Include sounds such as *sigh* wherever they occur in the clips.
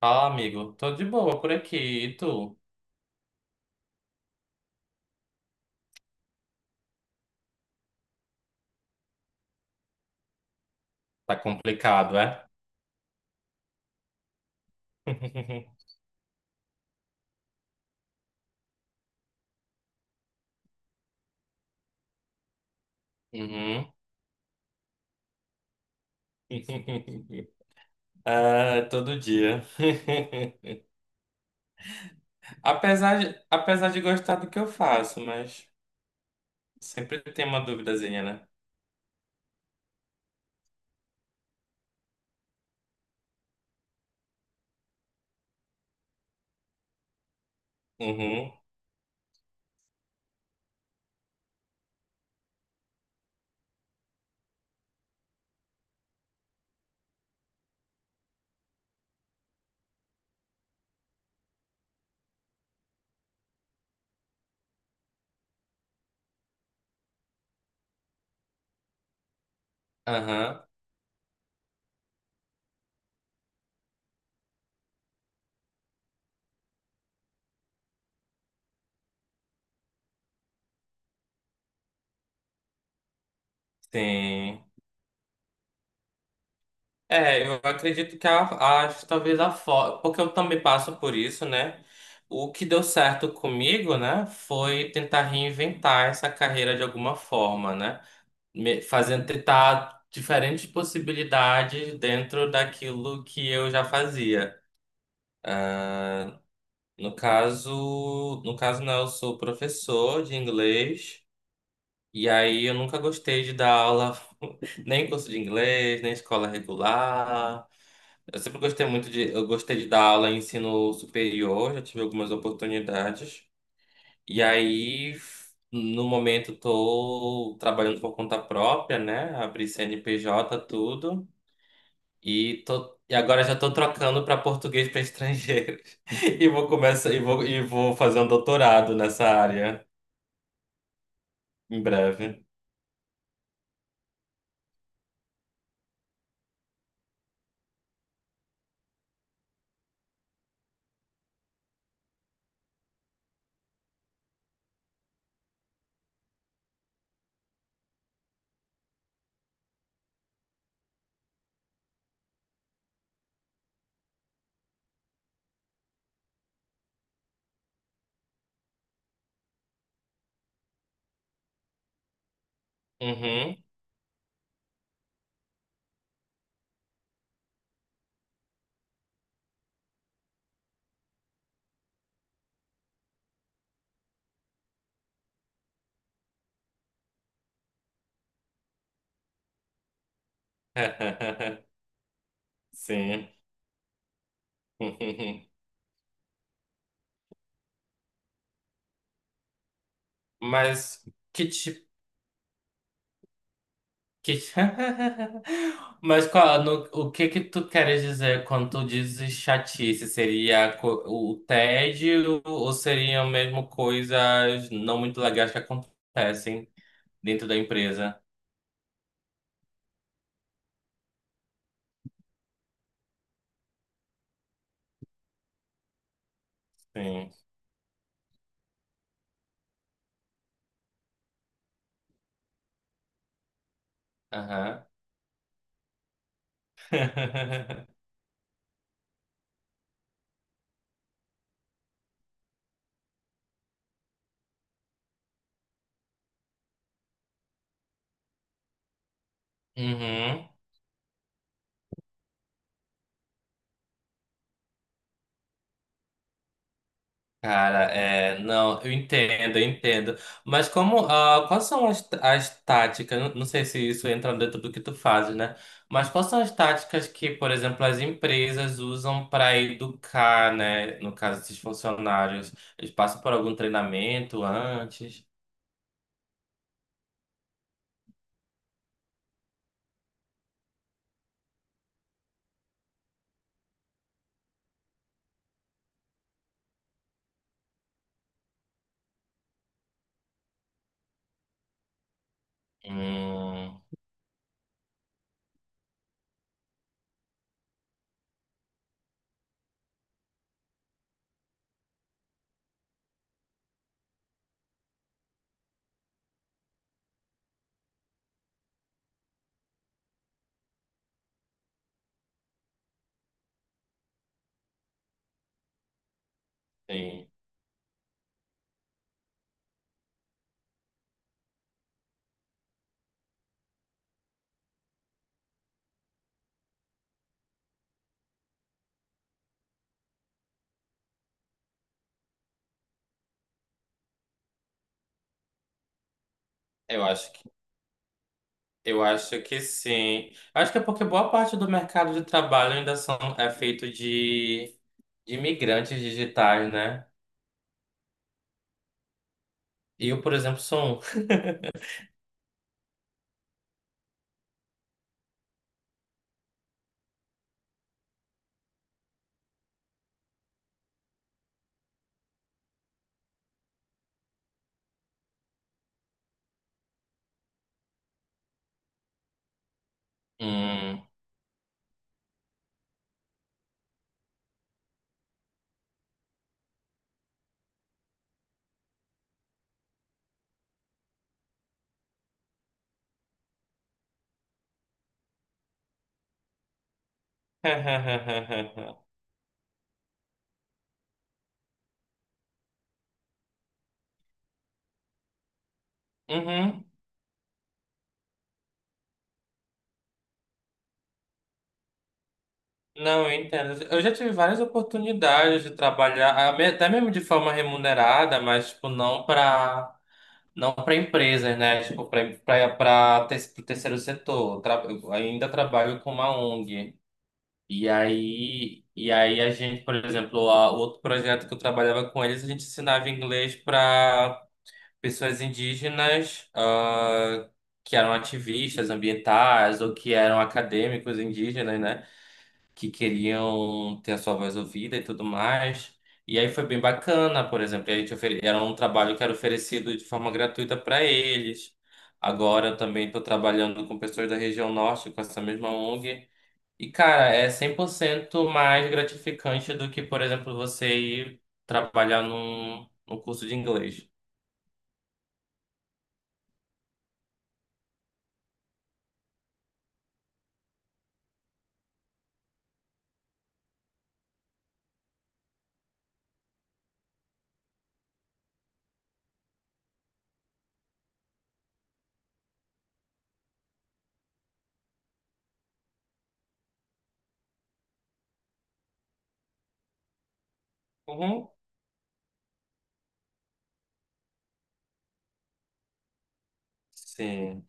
Ah, amigo, tô de boa por aqui. E tu? Tá complicado, é? *laughs* Uhum. *laughs* Ah, todo dia. *laughs* Apesar de gostar do que eu faço, mas sempre tem uma duvidazinha, né? Uhum. Aham. Sim. É, eu acredito que talvez a forma. Porque eu também passo por isso, né? O que deu certo comigo, né? Foi tentar reinventar essa carreira de alguma forma, né? Fazendo tentar diferentes possibilidades dentro daquilo que eu já fazia. No caso não, eu sou professor de inglês e aí eu nunca gostei de dar aula *laughs* nem em curso de inglês, nem em escola regular. Eu sempre gostei muito de, eu gostei de dar aula em ensino superior, já tive algumas oportunidades. E aí no momento, estou trabalhando por conta própria, né? Abri CNPJ, tudo. E tô, e agora já estou trocando para português para estrangeiros. *laughs* E vou começar e vou fazer um doutorado nessa área em breve. Uhum. *laughs* Sim. *laughs* Mas que tipo. Que... ti- *laughs* Mas qual, o que que tu queres dizer quando tu dizes chatice? Seria o tédio ou seriam mesmo coisas não muito legais que acontecem dentro da empresa? Sim. *laughs* Uhum. Cara, é, não, eu entendo. Mas como, ah, quais são as táticas? Não sei se isso entra dentro do que tu fazes, né? Mas quais são as táticas que, por exemplo, as empresas usam para educar, né? No caso, esses funcionários, eles passam por algum treinamento antes? Hum, sim. Eu acho que, eu acho que sim. Acho que é porque boa parte do mercado de trabalho ainda são, é feito de imigrantes digitais, né? E eu, por exemplo, sou um. Hum. *laughs* Uhum. Não, eu entendo. Eu já tive várias oportunidades de trabalhar, até mesmo de forma remunerada, mas tipo, não para empresas, né? Tipo, para o terceiro setor. Eu ainda trabalho com uma ONG. E aí a gente, por exemplo, a, o outro projeto que eu trabalhava com eles, a gente ensinava inglês para pessoas indígenas, ah, que eram ativistas ambientais ou que eram acadêmicos indígenas, né? Que queriam ter a sua voz ouvida e tudo mais. E aí foi bem bacana. Por exemplo, a gente era um trabalho que era oferecido de forma gratuita para eles. Agora eu também estou trabalhando com pessoas da região norte, com essa mesma ONG. E, cara, é 100% mais gratificante do que, por exemplo, você ir trabalhar num curso de inglês. Uhum. Sim.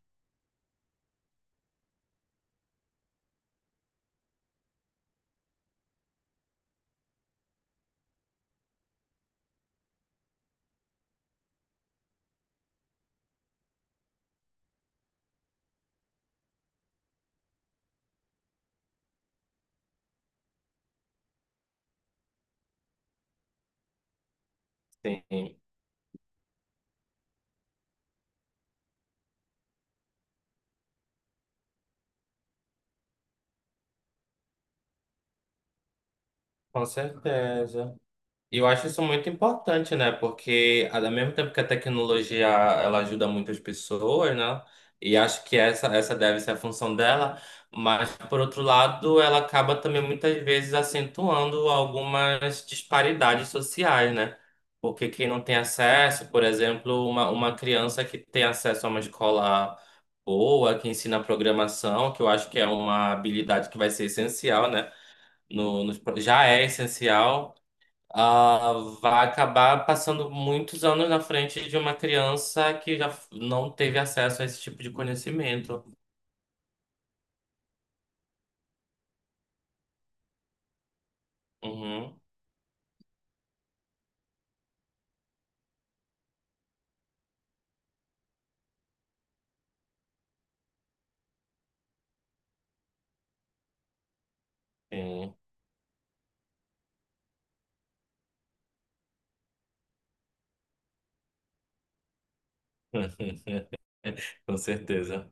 Sim, com certeza. E eu acho isso muito importante, né? Porque ao mesmo tempo que a tecnologia ela ajuda muitas pessoas, né? E acho que essa deve ser a função dela, mas por outro lado, ela acaba também muitas vezes acentuando algumas disparidades sociais, né? Porque quem não tem acesso, por exemplo, uma criança que tem acesso a uma escola boa, que ensina programação, que eu acho que é uma habilidade que vai ser essencial, né? no, nos pro- já é essencial, ah, vai acabar passando muitos anos na frente de uma criança que não teve acesso a esse tipo de conhecimento. Uhum, sim. *laughs* Com certeza.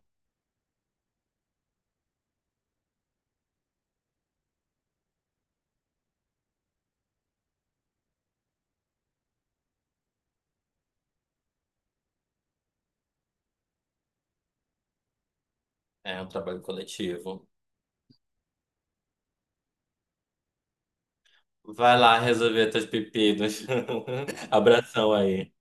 É um trabalho coletivo. Vai lá resolver teus pepinos. *laughs* Abração aí.